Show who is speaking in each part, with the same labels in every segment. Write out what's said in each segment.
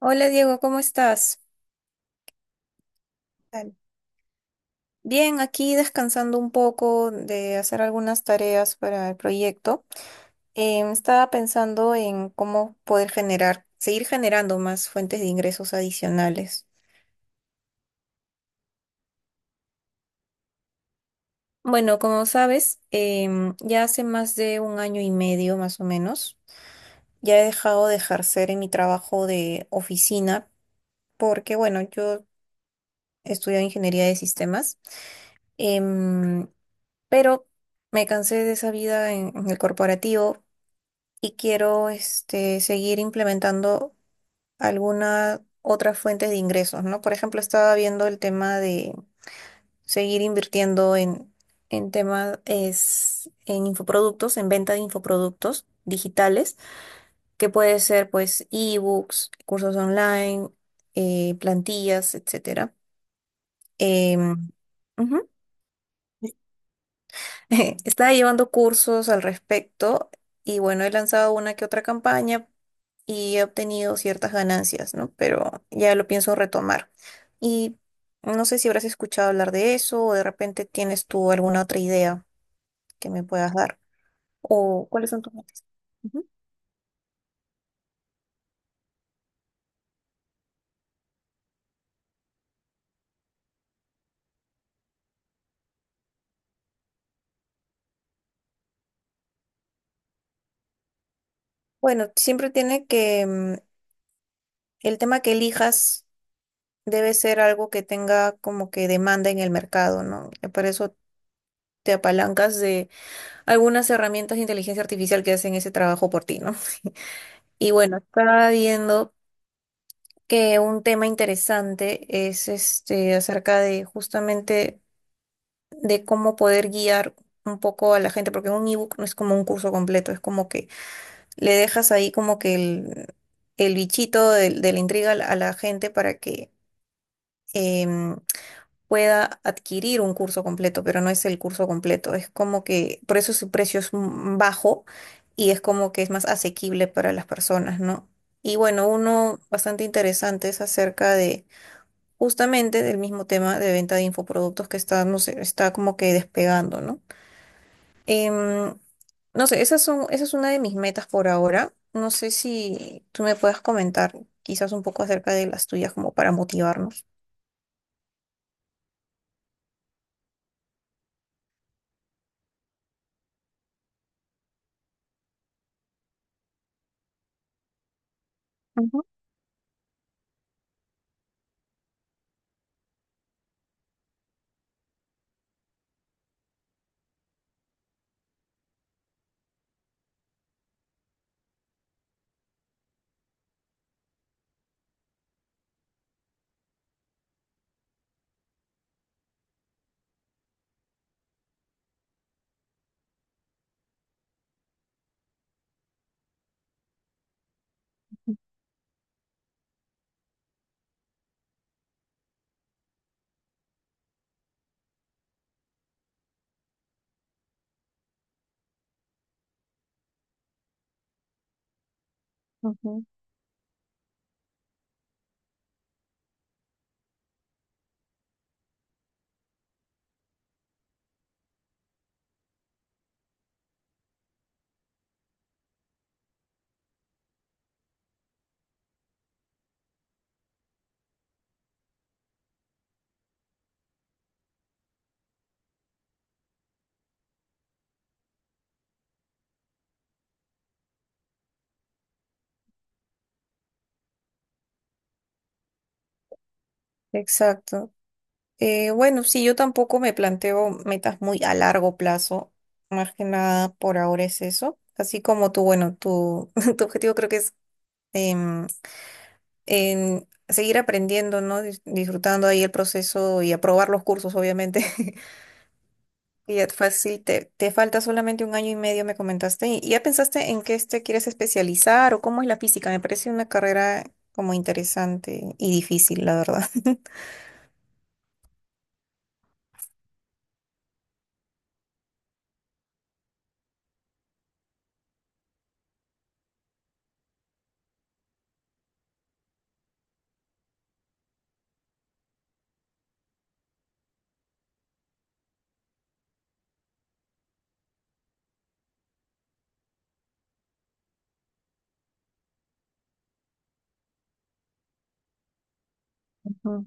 Speaker 1: Hola Diego, ¿cómo estás? Tal. Bien, aquí descansando un poco de hacer algunas tareas para el proyecto. Estaba pensando en cómo poder generar, seguir generando más fuentes de ingresos adicionales. Bueno, como sabes, ya hace más de un año y medio más o menos, ya he dejado de ejercer en mi trabajo de oficina porque, bueno, yo estudio ingeniería de sistemas, em, pero me cansé de esa vida en el corporativo y quiero este, seguir implementando algunas otras fuentes de ingresos, ¿no? Por ejemplo, estaba viendo el tema de seguir invirtiendo en temas es, en infoproductos, en venta de infoproductos digitales, que puede ser pues ebooks, cursos online, plantillas, etcétera. Em, Ujú. Estaba llevando cursos al respecto y bueno, he lanzado una que otra campaña y he obtenido ciertas ganancias, ¿no? Pero ya lo pienso retomar. Y no sé si habrás escuchado hablar de eso o de repente tienes tú alguna otra idea que me puedas dar o cuáles son tus metas. Ujú. Bueno, siempre tiene que el tema que elijas debe ser algo que tenga como que demanda en el mercado, ¿no? Y por eso te apalancas de algunas herramientas de inteligencia artificial que hacen ese trabajo por ti, ¿no? Y bueno, está viendo que un tema interesante es este acerca de justamente de cómo poder guiar un poco a la gente, porque un ebook no es como un curso completo, es como que le dejas ahí como que el bichito la intriga a la gente para que em, pueda adquirir un curso completo, pero no es el curso completo, es como que por eso su precio es bajo y es como que es más asequible para las personas, ¿no? Y bueno, uno bastante interesante es acerca de justamente del mismo tema de venta de infoproductos que está, no sé, está como que despegando, ¿no? Em, no sé, esa es una de mis metas por ahora. No sé si tú me puedas comentar quizás un poco acerca de las tuyas como para motivarnos. Ujú, ujú. Exacto. Bueno, sí, yo tampoco me planteo metas muy a largo plazo. Más que nada por ahora es eso. Así como tú, tu objetivo creo que es em, en seguir aprendiendo, ¿no? Disfrutando ahí el proceso y aprobar los cursos, obviamente. Y ya fácil, te falta solamente un año y medio, me comentaste. ¿Y ya pensaste en qué te quieres especializar o cómo es la física? Me parece una carrera como interesante y difícil, la verdad. Ujú.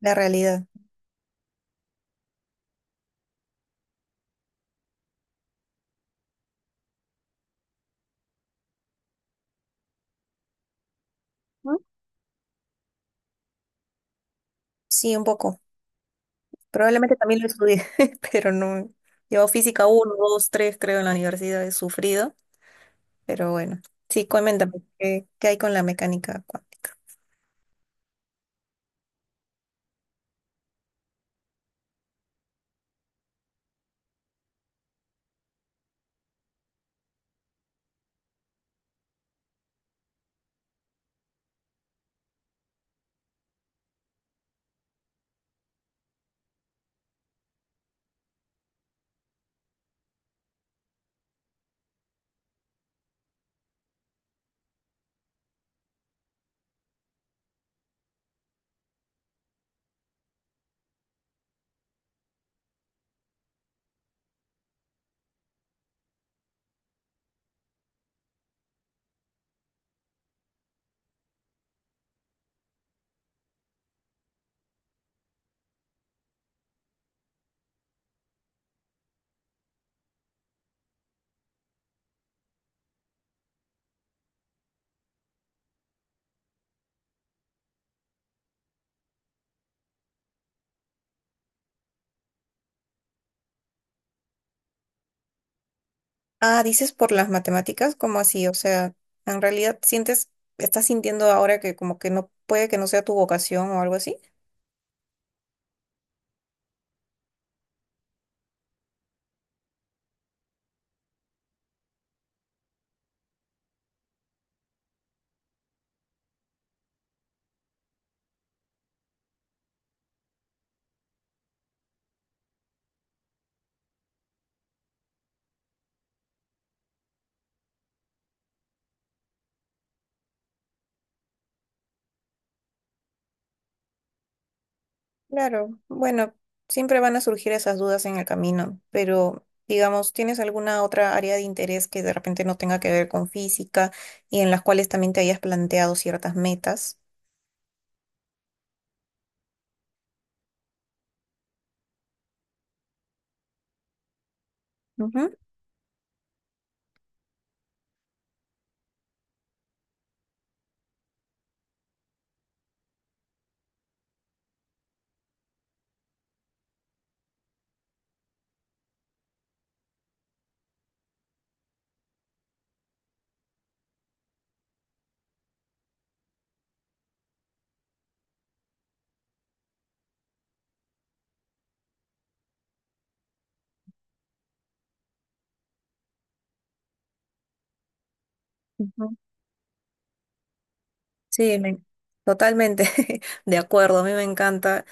Speaker 1: La realidad. ¿Mm? Sí, un poco. Probablemente también lo estudié, pero no. Llevo física uno, 2, 3, creo, en la universidad. He sufrido, pero bueno. Sí, coméntame, qué hay con la mecánica cuántica? Ah, dices por las matemáticas, ¿cómo así? O sea, en realidad sientes, estás sintiendo ahora que como que no puede que no sea tu vocación o algo así. Claro, bueno, siempre van a surgir esas dudas en el camino, pero digamos, ¿tienes alguna otra área de interés que de repente no tenga que ver con física y en las cuales también te hayas planteado ciertas metas? Ujú, ujú. Sí, totalmente de acuerdo. A mí me encanta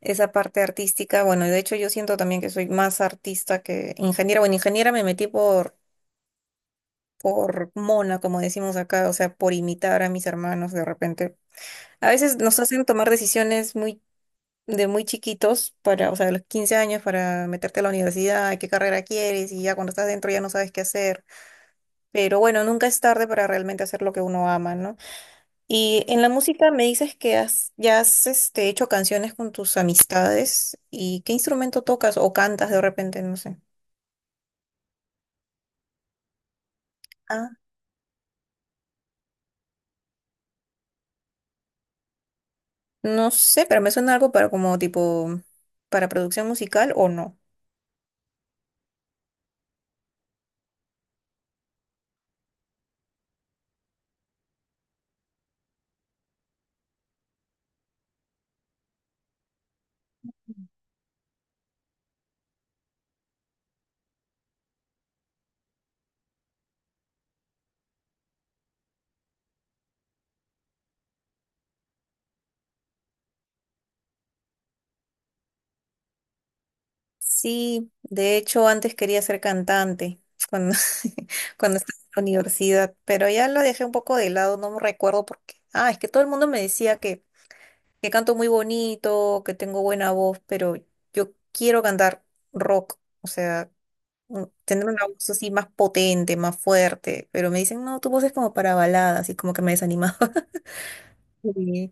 Speaker 1: esa parte artística. Bueno, y de hecho yo siento también que soy más artista que ingeniera. Bueno, ingeniera me metí por mona, como decimos acá, o sea, por imitar a mis hermanos de repente. A veces nos hacen tomar decisiones muy de muy chiquitos para, o sea, de los 15 años para meterte a la universidad, qué carrera quieres y ya cuando estás dentro ya no sabes qué hacer. Pero bueno, nunca es tarde para realmente hacer lo que uno ama, ¿no? Y en la música me dices que ya has este, hecho canciones con tus amistades. ¿Y qué instrumento tocas o cantas de repente? No sé. Ah, no sé, pero me suena algo para como tipo para producción musical o no. Sí, de hecho antes quería ser cantante cuando, cuando estaba en la universidad, pero ya lo dejé un poco de lado, no me recuerdo por qué. Ah, es que todo el mundo me decía que canto muy bonito, que tengo buena voz, pero yo quiero cantar rock, o sea, tener una voz así más potente, más fuerte, pero me dicen, no, tu voz es como para baladas y como que me desanimaba. Y,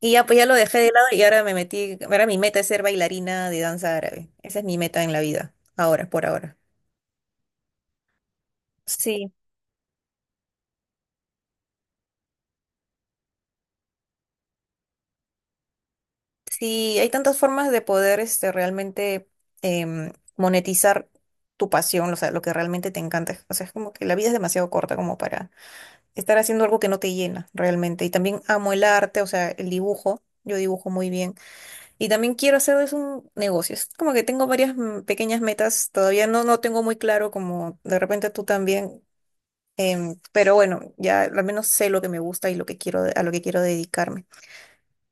Speaker 1: y ya, pues ya lo dejé de lado y ahora me metí, ahora mi meta es ser bailarina de danza árabe. Esa es mi meta en la vida, ahora, por ahora. Sí, sí, hay tantas formas de poder este, realmente monetizar tu pasión, o sea, lo que realmente te encanta. O sea, es como que la vida es demasiado corta como para estar haciendo algo que no te llena realmente. Y también amo el arte, o sea, el dibujo. Yo dibujo muy bien. Y también quiero hacer de eso un negocio. Es como que tengo varias pequeñas metas. Todavía no, no tengo muy claro como de repente tú también. Pero bueno, ya al menos sé lo que me gusta y lo que quiero, a lo que quiero dedicarme.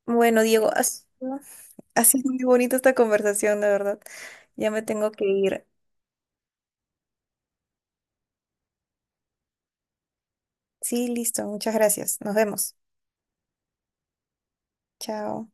Speaker 1: Bueno, Diego, ha sido muy bonita esta conversación, de verdad. Ya me tengo que ir. Sí, listo. Muchas gracias. Nos vemos. Chao.